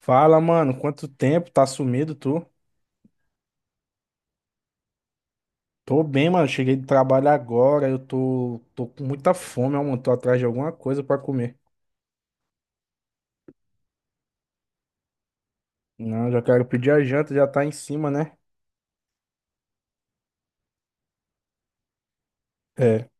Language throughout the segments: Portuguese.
Fala, mano, quanto tempo? Tá sumido, tu? Tô bem, mano. Cheguei do trabalho agora. Eu tô com muita fome, ó, mano. Tô atrás de alguma coisa pra comer. Não, já quero pedir a janta, já tá em cima, né? É.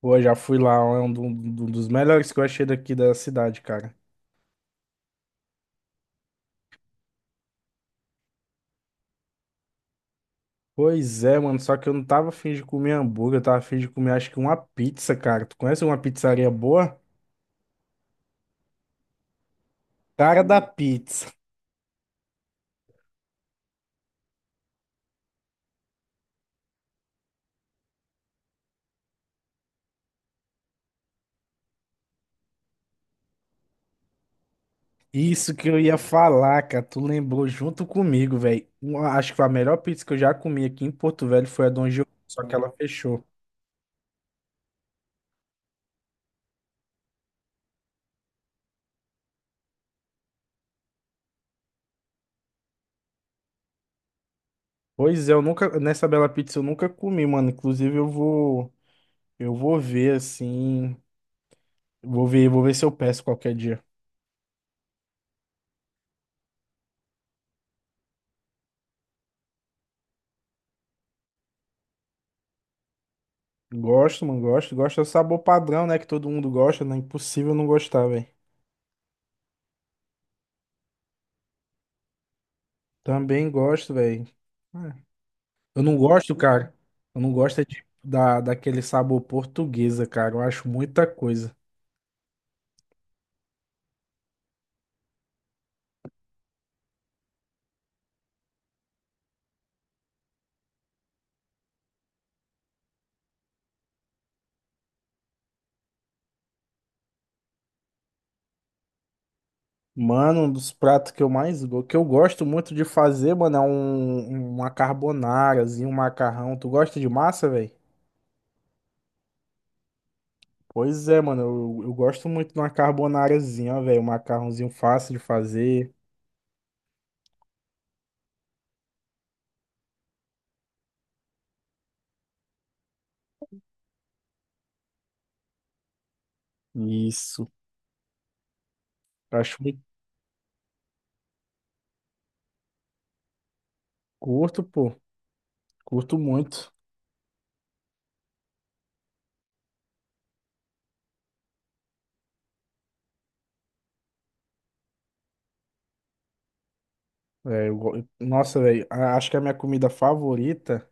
Pô, já fui lá, ó, é um dos melhores que eu achei daqui da cidade, cara. Pois é, mano. Só que eu não tava afim de comer hambúrguer, eu tava afim de comer, acho que uma pizza, cara. Tu conhece uma pizzaria boa? Cara da pizza. Isso que eu ia falar, cara. Tu lembrou junto comigo, velho. Acho que a melhor pizza que eu já comi aqui em Porto Velho foi a Dom Giovanni, só que ela fechou. Pois é, eu nunca, nessa Bela Pizza eu nunca comi, mano. Inclusive eu vou ver assim, vou ver se eu peço qualquer dia. Gosto, mano, gosto. Gosto é o sabor padrão, né, que todo mundo gosta, né? Impossível não gostar, velho. Também gosto, velho. É. Eu não gosto, cara. Eu não gosto é daquele sabor portuguesa, cara. Eu acho muita coisa. Mano, um dos pratos que eu mais que eu gosto muito de fazer, mano, é um, uma carbonarazinha, um macarrão. Tu gosta de massa, velho? Pois é, mano, eu gosto muito de uma carbonarazinha, ó, velho, um macarrãozinho fácil de fazer. Isso. Acho muito curto, pô. Curto muito. É, nossa, velho, acho que a minha comida favorita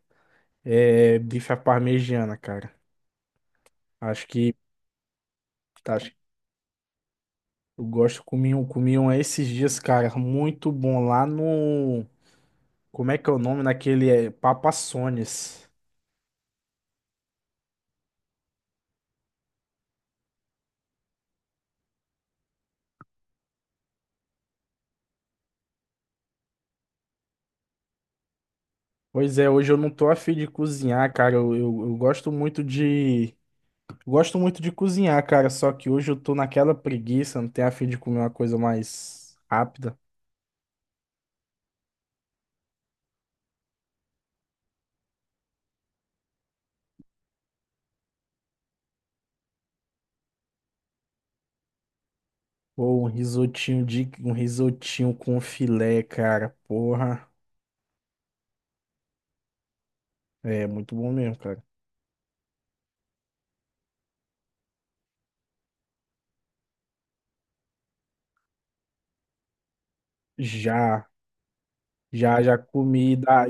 é bife à parmegiana, cara. Acho que tá, eu gosto, comi um esses dias, cara, muito bom lá no. Como é que é o nome naquele é, Papassones? Pois é, hoje eu não tô afim de cozinhar, cara. Eu gosto muito de. Gosto muito de cozinhar, cara. Só que hoje eu tô naquela preguiça, não tenho afim de comer uma coisa mais rápida. Ou um risotinho de um risotinho com filé, cara. Porra. É muito bom mesmo, cara. Já, já comi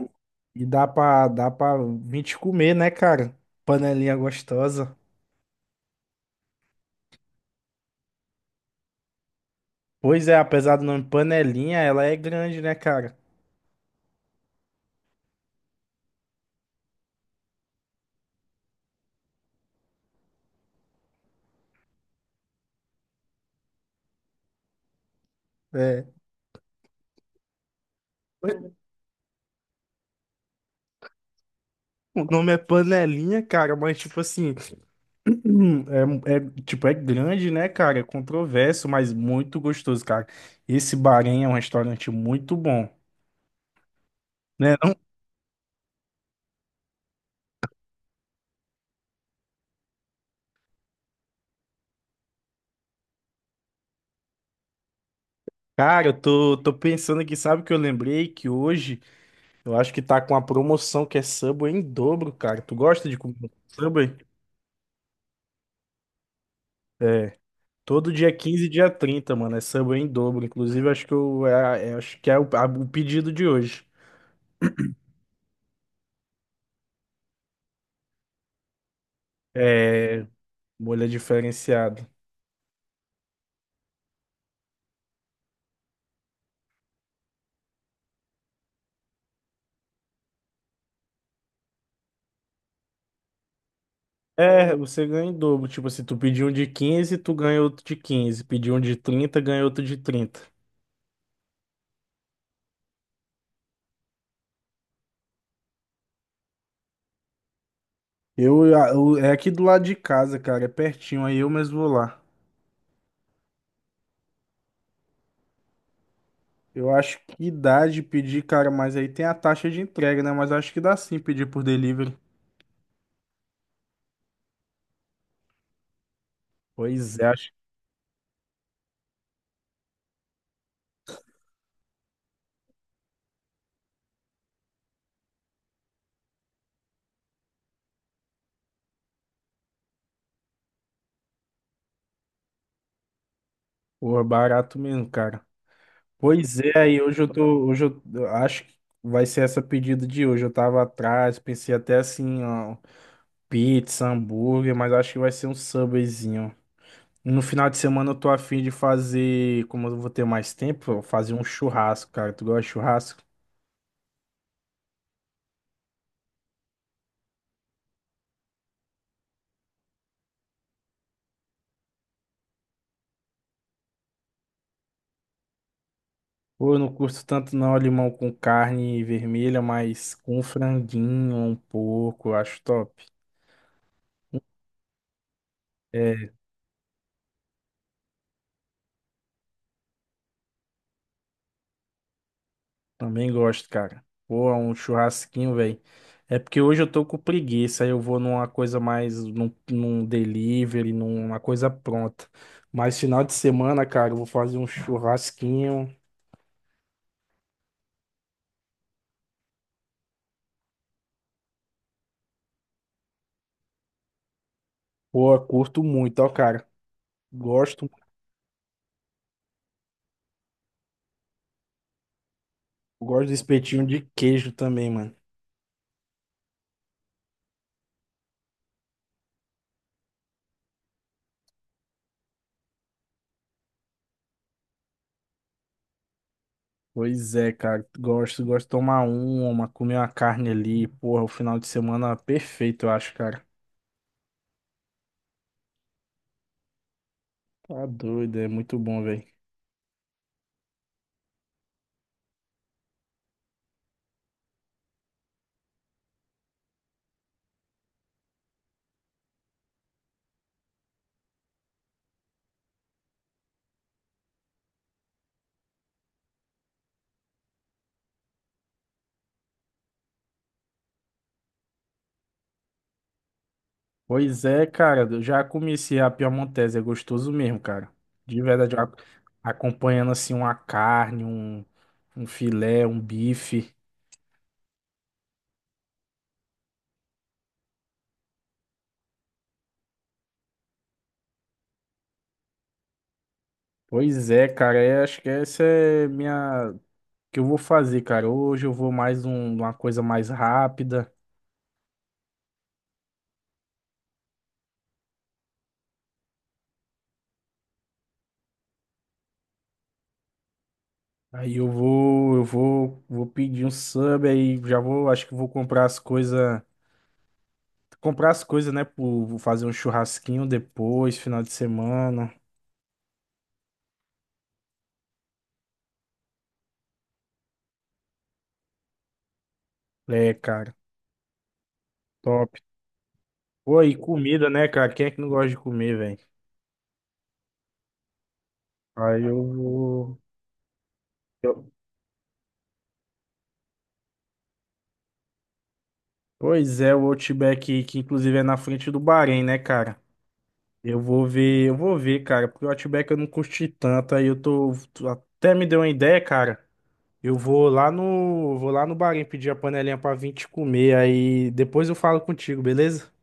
e dá pra 20 comer, né, cara? Panelinha gostosa. Pois é, apesar do nome Panelinha, ela é grande, né, cara? É. O nome é Panelinha, cara, mas tipo assim, é, tipo, é grande, né, cara? É controverso, mas muito gostoso, cara. Esse Bahrein é um restaurante muito bom. Né? Não, cara, eu tô pensando aqui, sabe o que eu lembrei? Que hoje eu acho que tá com a promoção que é Subway em dobro, cara. Tu gosta de comer Subway? É. Todo dia 15 e dia 30 mano. É samba em dobro. Inclusive, acho que, acho que é o pedido de hoje. É molha diferenciada. É, você ganha em dobro. Tipo assim, tu pediu um de 15 tu ganha outro de 15. Pediu um de 30 ganha outro de 30. É aqui do lado de casa, cara. É pertinho, aí eu mesmo vou lá. Eu acho que dá de pedir, cara, mas aí tem a taxa de entrega, né? Mas acho que dá sim pedir por delivery. Pois é, acho. Pô, barato mesmo, cara. Pois é, aí hoje eu tô, hoje eu acho que vai ser essa pedida de hoje. Eu tava atrás, pensei até assim, ó, pizza, hambúrguer, mas acho que vai ser um Subwayzinho. No final de semana eu tô afim de fazer, como eu vou ter mais tempo, eu fazer um churrasco, cara. Tu gosta de churrasco? Pô, eu não curto tanto não, limão com carne vermelha, mas com um franguinho, um porco, eu acho top. É, também gosto, cara. Pô, é um churrasquinho, velho. É porque hoje eu tô com preguiça, aí eu vou numa coisa mais, num delivery, numa coisa pronta. Mas final de semana, cara, eu vou fazer um churrasquinho. Pô, eu curto muito, ó, cara. Gosto, gosto do espetinho de queijo também, mano. Pois é, cara. Gosto, gosto de tomar uma, comer uma carne ali. Porra, o final de semana é perfeito, eu acho, cara. Tá doido, é muito bom, velho. Pois é, cara, eu já comecei a piemontese, é gostoso mesmo, cara. De verdade, acompanhando assim uma carne, um filé, um bife. Pois é, cara, é, acho que essa é minha que eu vou fazer, cara. Hoje eu vou mais uma coisa mais rápida. Eu vou, vou pedir um sub aí, já vou, acho que vou comprar as coisas, pro, vou fazer um churrasquinho depois, final de semana. É, cara, top. Pô, e comida, né, cara? Quem é que não gosta de comer, velho? Aí eu vou. Eu- Pois é, o Outback, que inclusive é na frente do Bahrein, né, cara? Eu vou ver, cara, porque o Outback eu não curti tanto, aí eu tô. Tu até me deu uma ideia, cara. Eu vou lá no. Vou lá no Bahrein pedir a panelinha pra vir te comer, aí depois eu falo contigo, beleza?